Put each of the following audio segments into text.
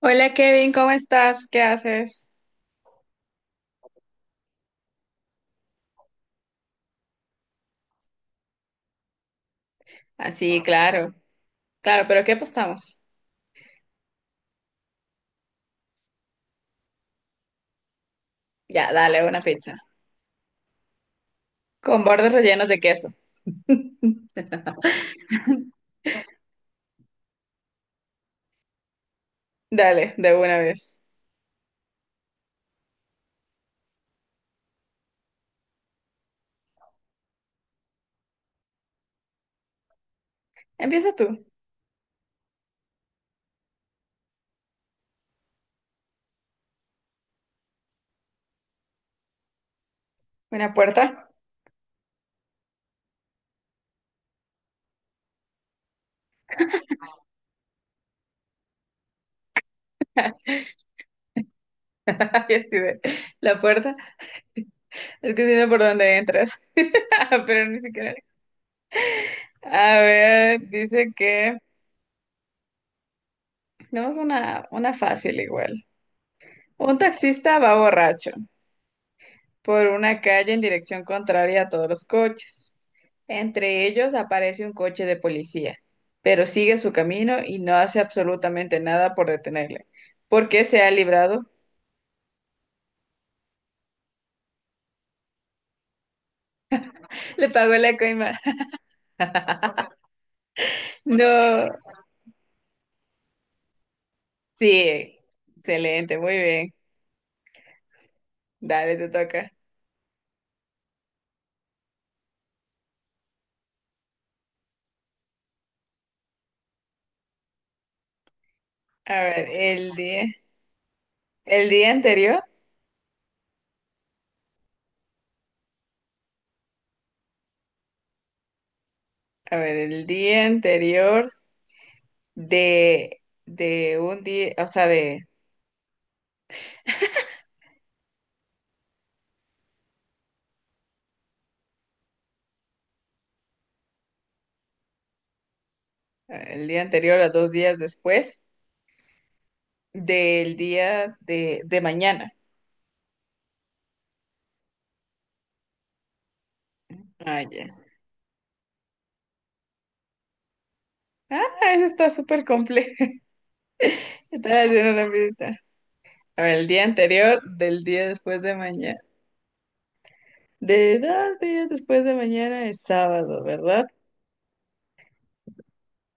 Hola Kevin, ¿cómo estás? ¿Qué haces? Así, sí, claro. Claro, pero ¿qué apostamos? Ya, dale, una pizza. Con bordes rellenos de queso. Dale, de una vez. Empieza tú. Una puerta. Ay, la puerta. Es que si no, ¿por dónde entras? Pero ni siquiera. A ver, dice que... Tenemos una fácil igual. Un taxista va borracho por una calle en dirección contraria a todos los coches. Entre ellos aparece un coche de policía, pero sigue su camino y no hace absolutamente nada por detenerle. ¿Por qué se ha librado? Le pagó la coima. No. Sí, excelente, muy bien. Dale, te toca. A ver, el día anterior, a ver, el día anterior de un día, o sea, de, el día anterior a dos días después del día de mañana. Ah, ya. Ah, eso está súper complejo. Estaba haciendo una visita. A ver, el día anterior del día después de mañana. De dos días después de mañana es sábado, ¿verdad?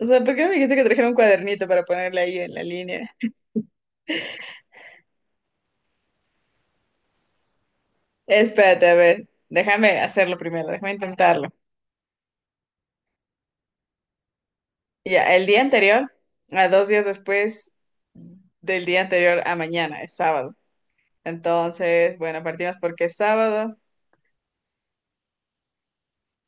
O sea, ¿por qué no me dijiste que trajera un cuadernito para ponerle ahí en la línea? Espérate, a ver, déjame hacerlo primero, déjame intentarlo. Ya, el día anterior, a dos días después del día anterior a mañana, es sábado. Entonces, bueno, partimos porque es sábado.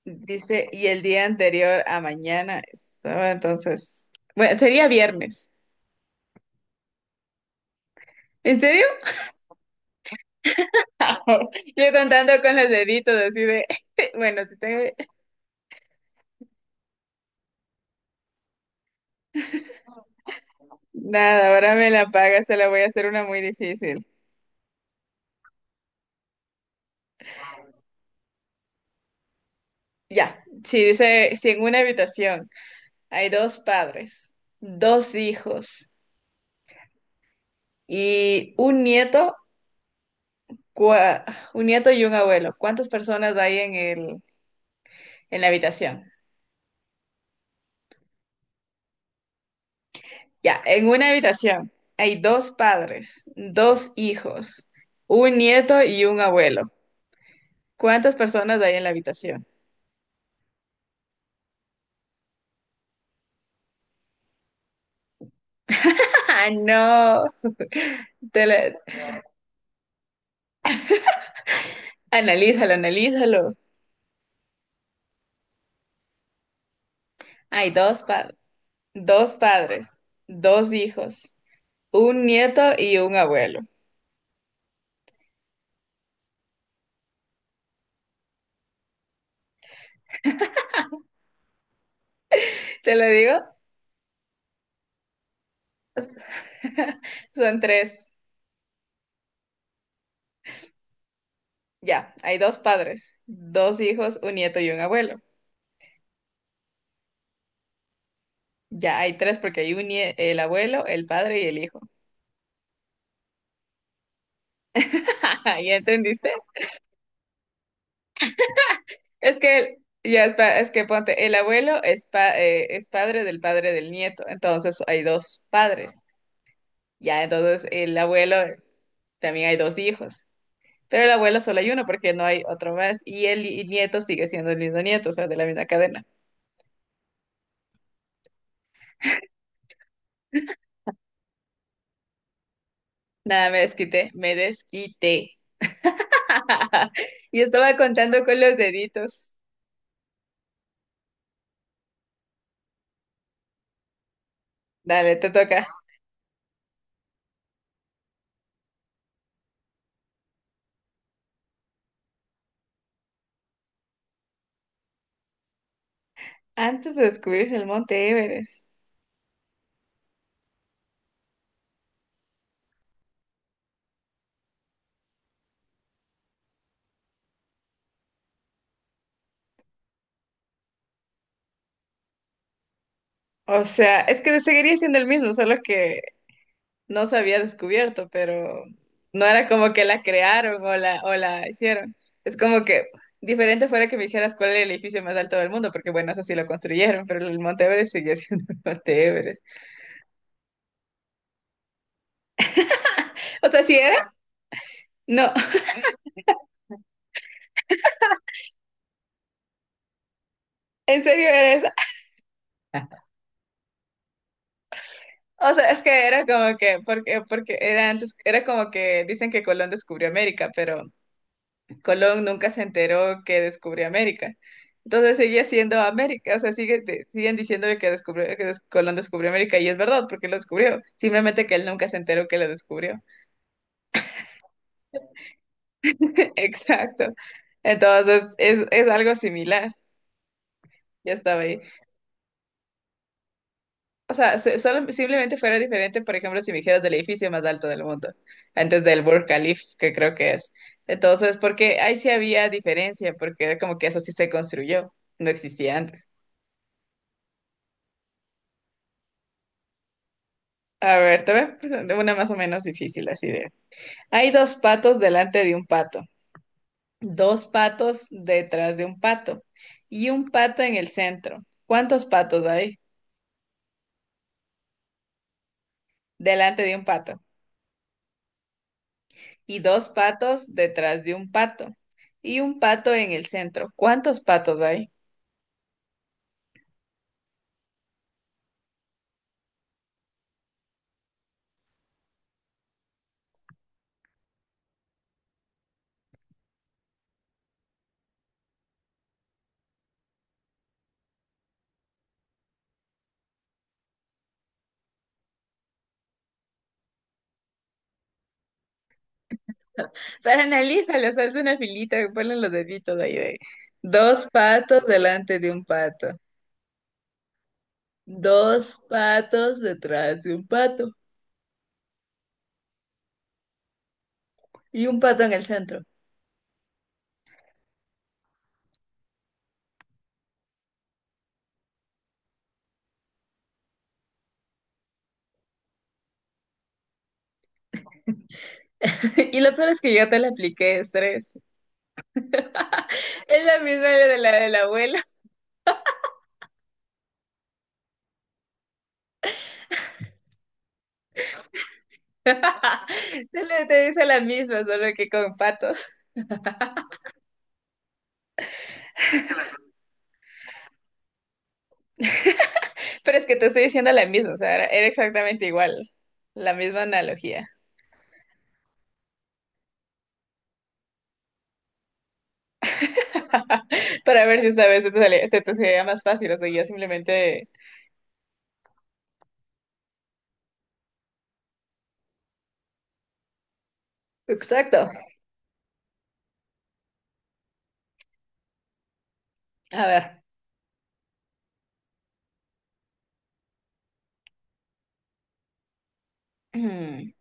Dice, y el día anterior a mañana es sábado, entonces, bueno, sería viernes. ¿En serio? Yo contando con los deditos, así de, bueno, si tengo, nada, ahora me la paga, se la voy a hacer una muy difícil. Ya, si dice, si en una habitación hay dos padres, dos hijos y un nieto, cua- un nieto y un abuelo, ¿cuántas personas hay en la habitación? Ya, en una habitación hay dos padres, dos hijos, un nieto y un abuelo. ¿Cuántas personas hay en la habitación? ¡Ah, no! Te la- Analízalo, analízalo. Hay dos padres, dos hijos, un nieto y un abuelo. ¿Te lo digo? Son tres. Ya, hay dos padres, dos hijos, un nieto y un abuelo. Ya, hay tres porque el abuelo, el padre y el hijo. ¿Ya entendiste? Es que, ya es, es que ponte, el abuelo es, es padre del nieto, entonces hay dos padres. Ya, también hay dos hijos, pero el abuelo solo hay uno porque no hay otro más y el nieto sigue siendo el mismo nieto, o sea, de la misma cadena. Nada, me desquité. Y estaba contando con los deditos. Dale, te toca. Antes de descubrirse el monte Everest. O sea, es que seguiría siendo el mismo, solo que no se había descubierto, pero no era como que la crearon o la hicieron. Es como que diferente fuera que me dijeras cuál es el edificio más alto del mundo, porque bueno, eso sí lo construyeron, pero el Monte Everest sigue siendo el Monte Everest. O sea, ¿sí era? No, en serio era esa. O sea, es que era como que, porque era antes, era como que dicen que Colón descubrió América, pero Colón nunca se enteró que descubrió América. Entonces sigue siendo América, o sea, sigue, siguen diciéndole que, Colón descubrió América y es verdad porque lo descubrió, simplemente que él nunca se enteró que lo descubrió. Exacto. Entonces es algo similar, ya estaba ahí. O sea, simplemente fuera diferente, por ejemplo, si me dijeras del edificio más alto del mundo, antes del Burj Khalifa, que creo que es. Entonces, porque ahí sí había diferencia, porque era como que eso sí se construyó, no existía antes. A ver, te voy a presentar una más o menos difícil, así de. Hay dos patos delante de un pato, dos patos detrás de un pato y un pato en el centro. ¿Cuántos patos hay delante de un pato? Y dos patos detrás de un pato y un pato en el centro. ¿Cuántos patos hay? Pero analízalo, o sea, haz una filita, ponle los deditos ahí de. Dos patos delante de un pato, dos patos detrás de un pato y un pato en el centro. Y lo peor es que yo te la apliqué estrés. Es la misma de la abuela. Te dice la misma, solo que con patos. Pero es que te estoy diciendo la misma, o sea, era exactamente igual. La misma analogía. Para ver si esta vez te sería más fácil, o sea, yo simplemente... Exacto. A ver. Mm.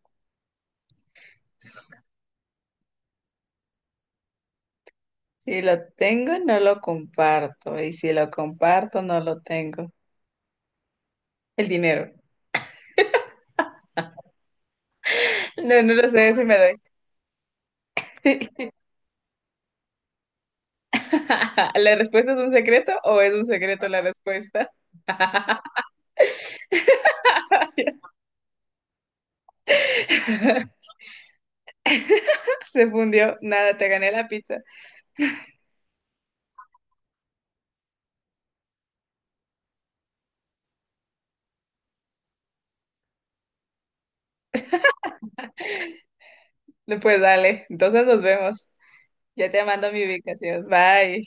Si lo tengo, no lo comparto. Y si lo comparto, no lo tengo. El dinero. No, no lo sé, si me doy. ¿La respuesta es un secreto o es un secreto la respuesta? Se fundió. Nada, te gané la pizza. No, pues dale. Entonces nos vemos. Ya te mando mi ubicación. Bye.